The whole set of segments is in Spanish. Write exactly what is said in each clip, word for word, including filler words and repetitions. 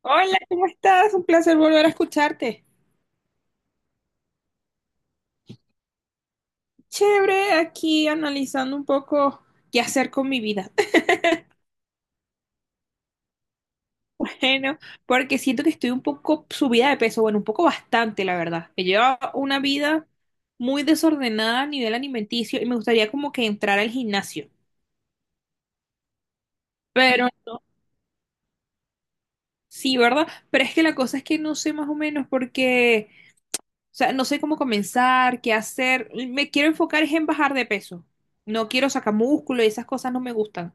Hola, ¿cómo estás? Un placer volver a escucharte. Chévere, aquí analizando un poco qué hacer con mi vida. Bueno, porque siento que estoy un poco subida de peso, bueno, un poco bastante, la verdad. He llevado una vida muy desordenada a nivel alimenticio y me gustaría como que entrar al gimnasio. Pero no, sí, ¿verdad? Pero es que la cosa es que no sé más o menos porque, o sea, no sé cómo comenzar, qué hacer. Me quiero enfocar es en bajar de peso. No quiero sacar músculo y esas cosas no me gustan.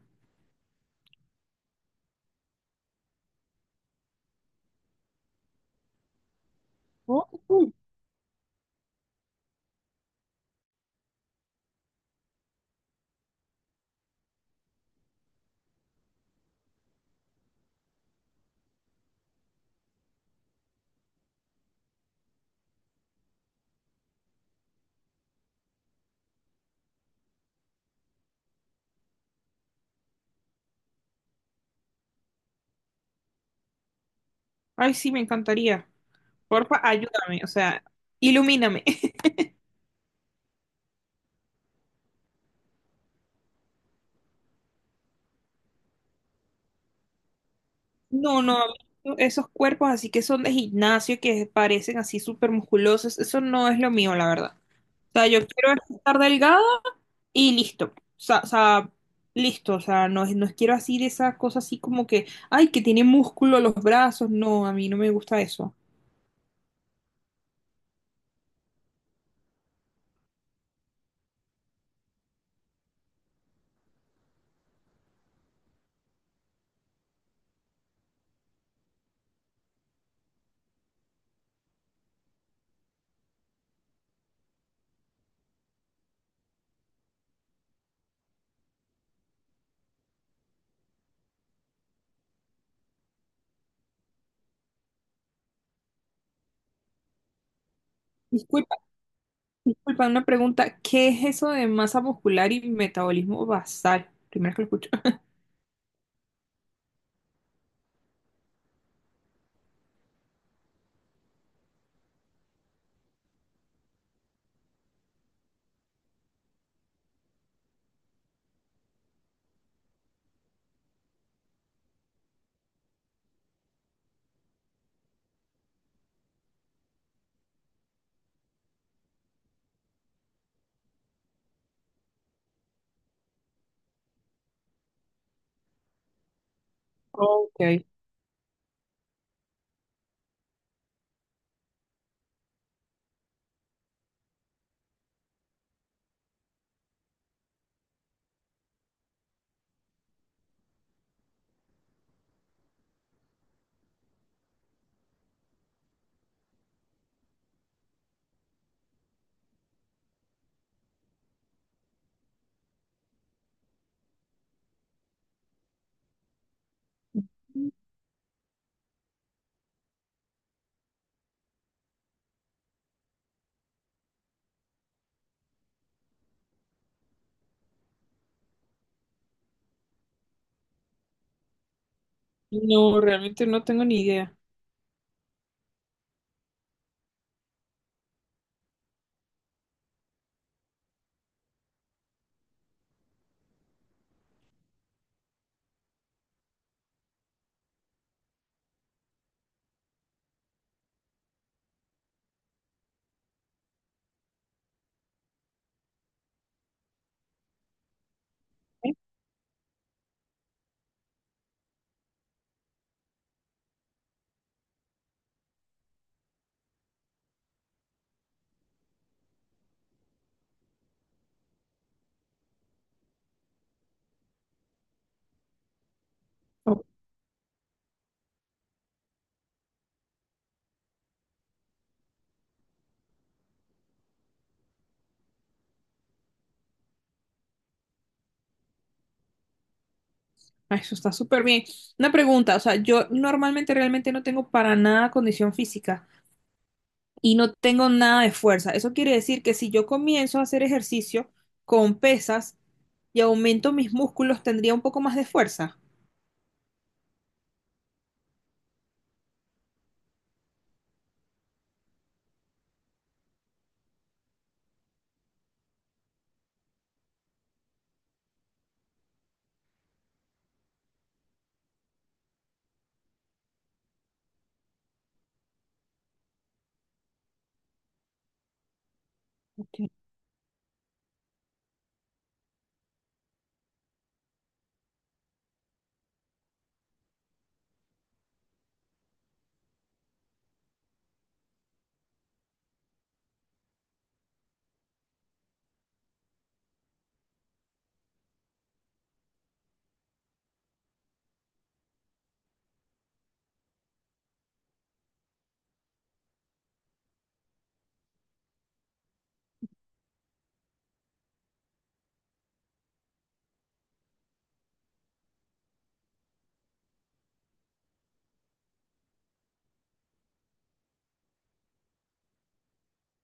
Oh. Ay, sí, me encantaría. Porfa, ayúdame, o sea, ilumíname. No, no, esos cuerpos así que son de gimnasio, que parecen así súper musculosos, eso no es lo mío, la verdad. O sea, yo quiero estar delgada y listo. O sea, o sea, listo, o sea, no, es, no quiero así de esas cosas así como que, ay, que tiene músculo los brazos, no, a mí no me gusta eso. Disculpa, disculpa, una pregunta, ¿qué es eso de masa muscular y metabolismo basal? Primero que lo escucho. Ok. No, realmente no tengo ni idea. ¿Eh? Oh, ah, eso está súper bien. Una pregunta, o sea, yo normalmente realmente no tengo para nada condición física y no tengo nada de fuerza. Eso quiere decir que si yo comienzo a hacer ejercicio con pesas y aumento mis músculos, tendría un poco más de fuerza. Ok.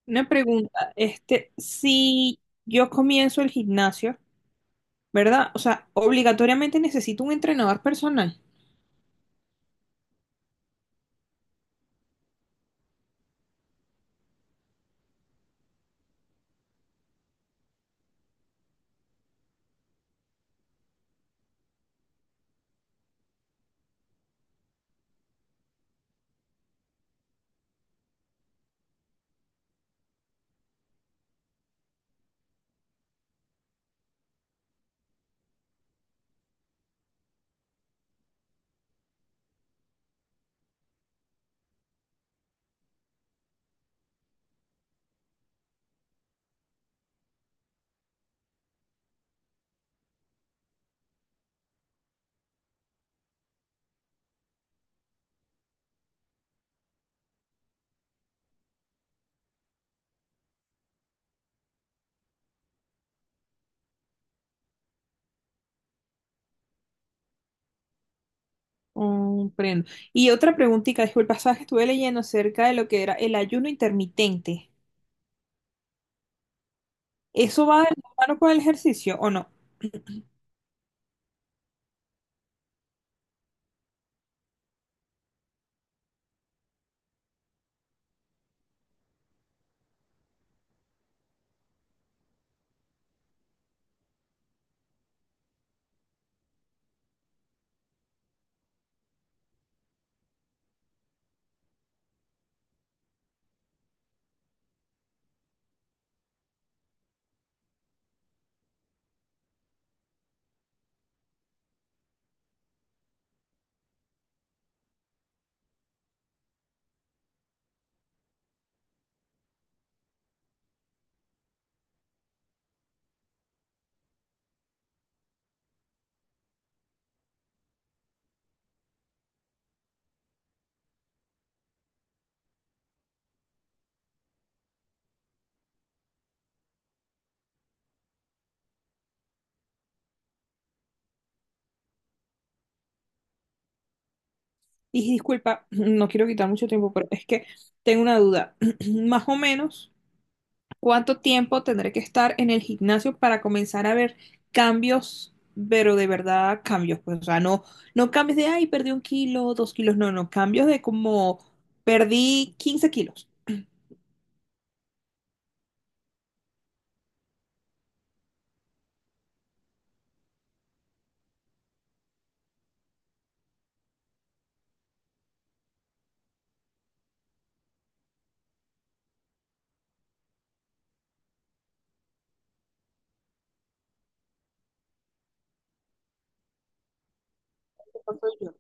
Una pregunta, este, si yo comienzo el gimnasio, ¿verdad? O sea, obligatoriamente necesito un entrenador personal. Comprendo. Y otra preguntita, disculpa, sabes que estuve leyendo acerca de lo que era el ayuno intermitente. ¿Eso va de la mano con el ejercicio o no? Y disculpa, no quiero quitar mucho tiempo, pero es que tengo una duda. Más o menos, ¿cuánto tiempo tendré que estar en el gimnasio para comenzar a ver cambios, pero de verdad cambios? Pues, o sea, no, no cambios de, ay, perdí un kilo, dos kilos, no, no, cambios de como perdí quince kilos. Esa soy yo.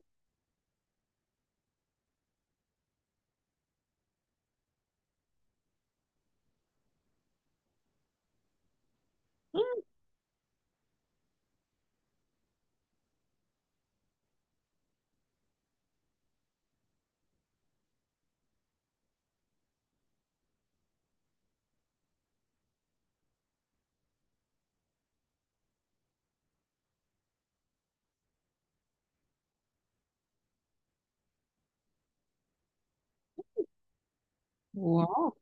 Wow,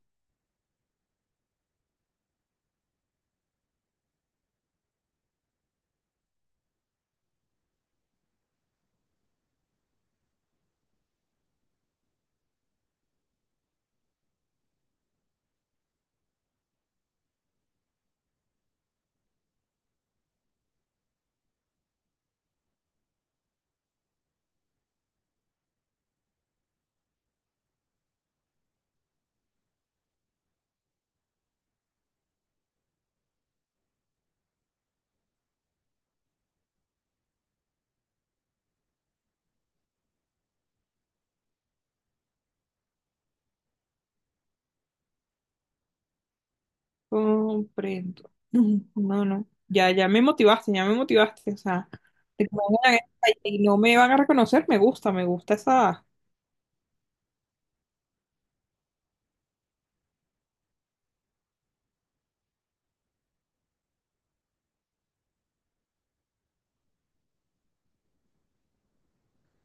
comprendo. Ujú. No, no. Ya, ya me motivaste, ya me motivaste. O sea, de que me hagan la guerra y no me van a reconocer, me gusta, me gusta esa.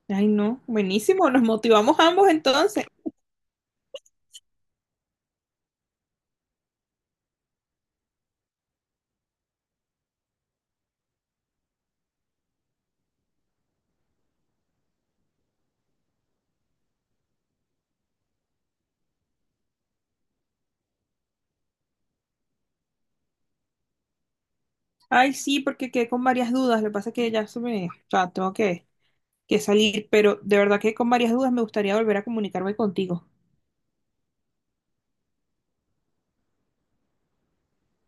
Ay, no, buenísimo, nos motivamos ambos entonces. Ay, sí, porque quedé con varias dudas. Lo que pasa es que ya se me. O sea, tengo que. que salir, pero de verdad que con varias dudas me gustaría volver a comunicarme contigo.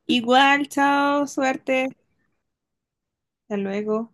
Igual, chao, suerte, hasta luego.